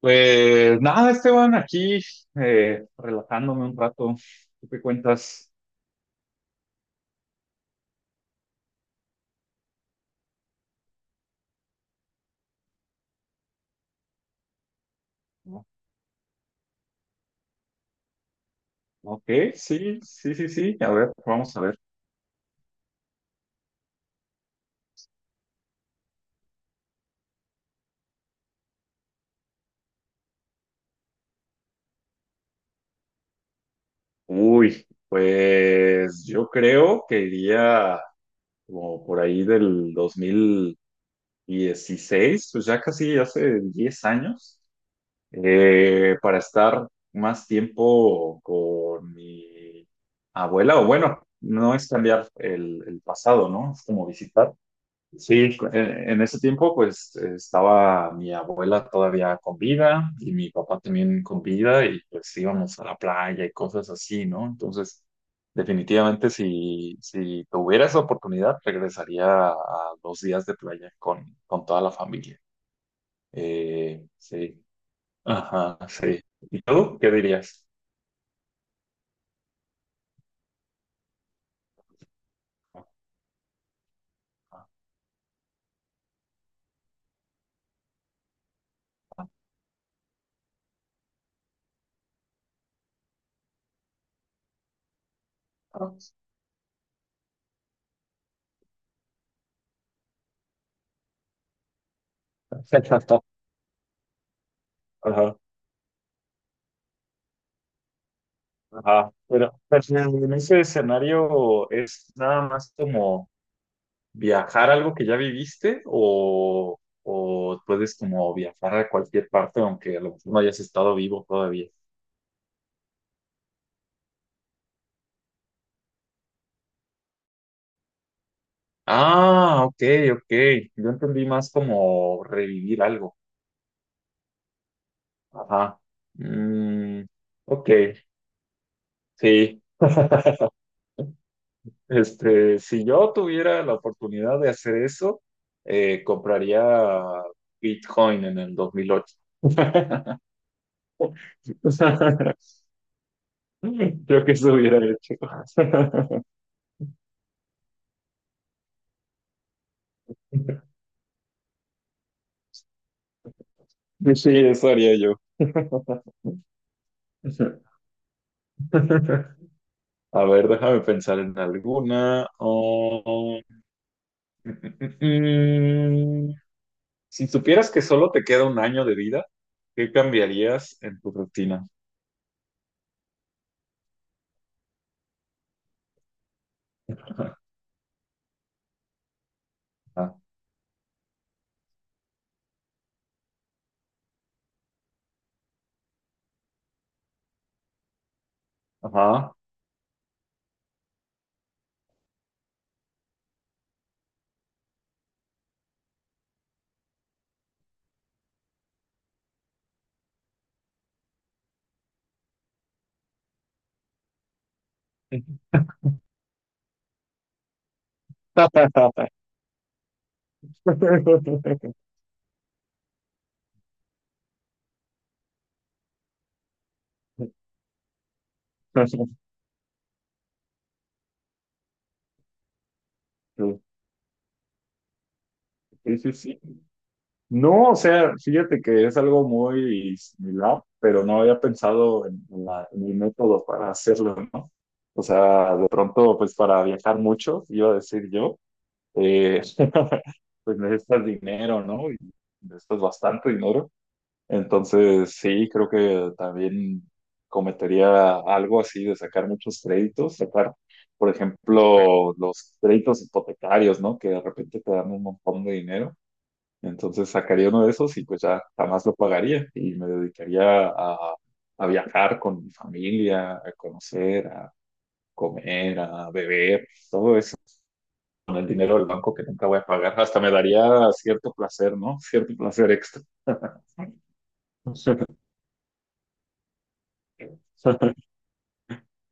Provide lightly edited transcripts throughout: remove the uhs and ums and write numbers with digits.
Pues nada, Esteban, aquí, relajándome un rato. ¿Tú qué cuentas? No. Ok, sí, sí, sí, sí. A ver, vamos a ver. Uy, pues yo creo que iría como por ahí del 2016, pues ya casi hace 10 años, para estar más tiempo con mi abuela, o bueno, no es cambiar el pasado, ¿no? Es como visitar. Sí, en ese tiempo pues estaba mi abuela todavía con vida y mi papá también con vida y pues íbamos a la playa y cosas así, ¿no? Entonces, definitivamente si tuviera esa oportunidad, regresaría a dos días de playa con toda la familia. Sí, ajá, sí. ¿Y tú qué dirías? Exacto. Ajá, ajá. Pero en ese escenario es nada más como viajar a algo que ya viviste, o puedes como viajar a cualquier parte aunque a lo mejor no hayas estado vivo todavía. Ah, ok, ok. Yo entendí más como revivir algo. Ajá. Mm, ok, sí. Este, si yo tuviera la oportunidad de hacer eso, compraría Bitcoin en el 2008. Creo que eso hubiera hecho. Sí, eso haría yo. A ver, déjame pensar en alguna. Oh, mm, mm, mm. Si supieras que solo te queda un año de vida, ¿qué cambiarías en tu rutina? Ah. Ajá. Sí, sí, sí. No, o sea, fíjate que es algo muy similar, pero no había pensado en en el método para hacerlo, ¿no? O sea, de pronto, pues para viajar mucho, iba a decir yo, eh, pues necesitas dinero, ¿no? Y necesitas bastante dinero. Entonces, sí, creo que también cometería algo así de sacar muchos créditos, sacar, por ejemplo, los créditos hipotecarios, ¿no? Que de repente te dan un montón de dinero. Entonces sacaría uno de esos y pues ya jamás lo pagaría y me dedicaría a viajar con mi familia, a conocer, a comer, a beber, con el dinero del banco que nunca voy a pagar. Hasta me daría cierto placer, ¿no? Cierto placer extra.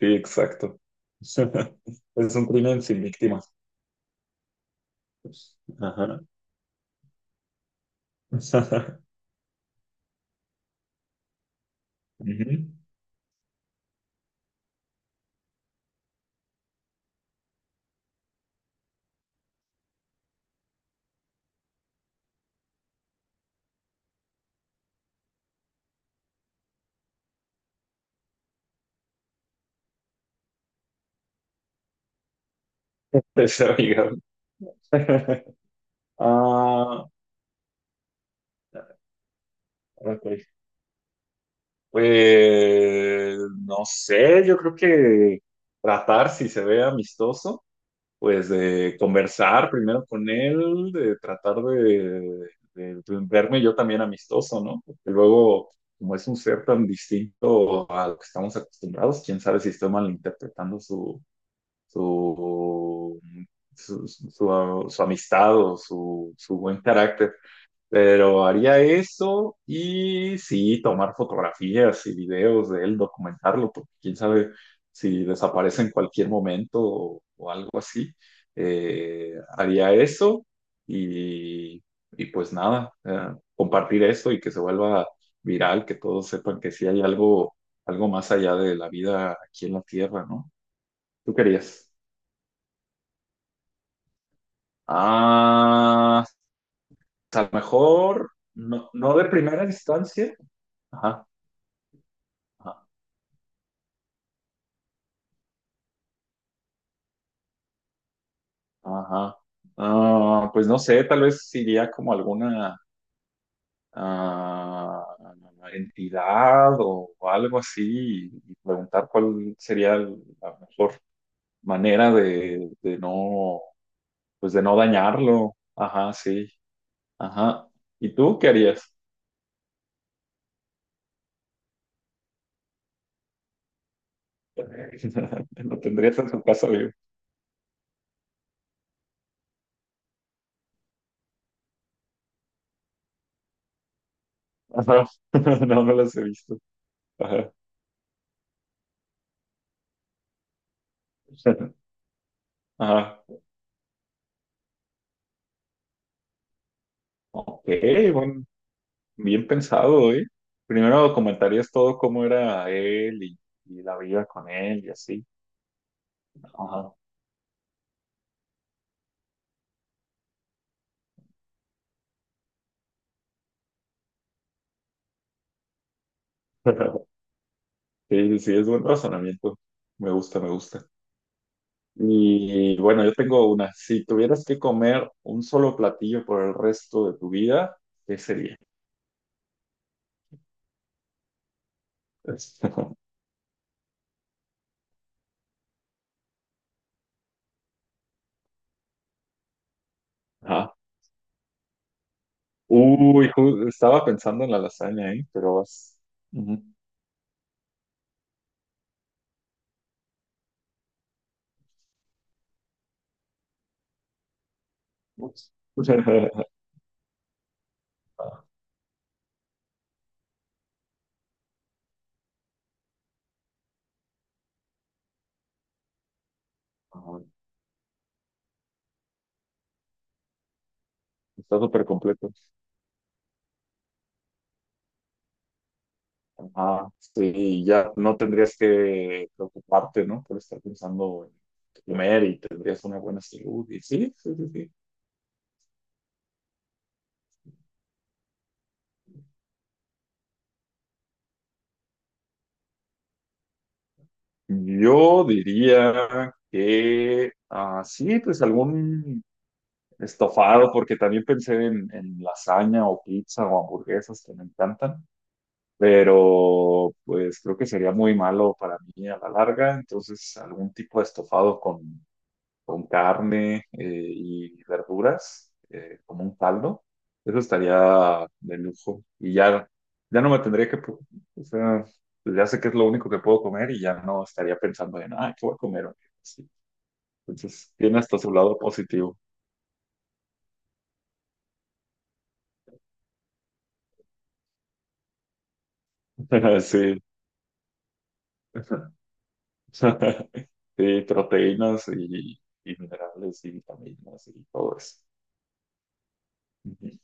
Sí, exacto. Es un crimen sin víctimas. Ajá. Ujú. Pues, amiga. Ah, ok. Pues no sé, yo creo que tratar, si se ve amistoso, pues de conversar primero con él, de tratar de verme yo también amistoso, ¿no? Porque luego, como es un ser tan distinto a lo que estamos acostumbrados, quién sabe si estoy malinterpretando su, su amistad o su buen carácter. Pero haría eso y sí, tomar fotografías y videos de él, documentarlo, porque quién sabe si desaparece en cualquier momento, o algo así. Eh, Haría eso y, y pues nada, compartir esto y que se vuelva viral, que todos sepan que sí hay algo, algo más allá de la vida aquí en la Tierra, ¿no? ¿Tú querías? Ah, a lo mejor, no, no de primera instancia. Ajá. Ajá. Ajá. Ah, pues no sé, tal vez iría como alguna ah, entidad o algo así y preguntar cuál sería la mejor manera de no, pues de no dañarlo. Ajá, sí. Ajá. ¿Y tú qué harías? ¿Lo tendrías en tu casa vivo? Ajá. No, no las he visto. Ajá. Ajá. Ok, bueno. Bien pensado, ¿eh? Primero comentarías todo cómo era él y la vida con él y así. Ajá. Sí, sí, es buen razonamiento. Me gusta, me gusta. Y bueno, yo tengo una. Si tuvieras que comer un solo platillo por el resto de tu vida, ¿qué sería? Ajá. Uy, estaba pensando en la lasaña, ¿eh? Pero vas. Ujú. Está súper completo. Ajá, sí, ya no tendrías que preocuparte, ¿no? Por estar pensando en comer, y tendrías una buena salud. Y sí, sí, sí, sí. Yo diría que, sí, pues algún estofado, porque también pensé en, lasaña o pizza o hamburguesas que me encantan, pero pues creo que sería muy malo para mí a la larga, entonces algún tipo de estofado con carne, y verduras, como un caldo. Eso estaría de lujo. Y ya, ya no me tendría que, o sea, pues ya sé que es lo único que puedo comer y ya no estaría pensando en, "¿qué voy a comer hoy?". Sí. Entonces, tiene hasta su lado positivo. Sí. Sí, proteínas y minerales y vitaminas y todo eso. Ujú.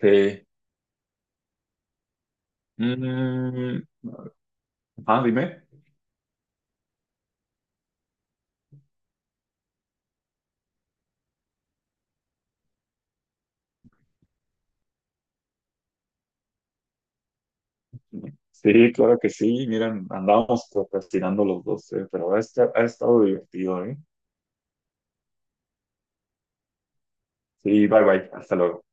Sí. Mm, dime. Sí, claro que sí. Miren, andábamos procrastinando los dos, pero ha estado divertido, ¿eh? Sí, bye bye. Hasta luego.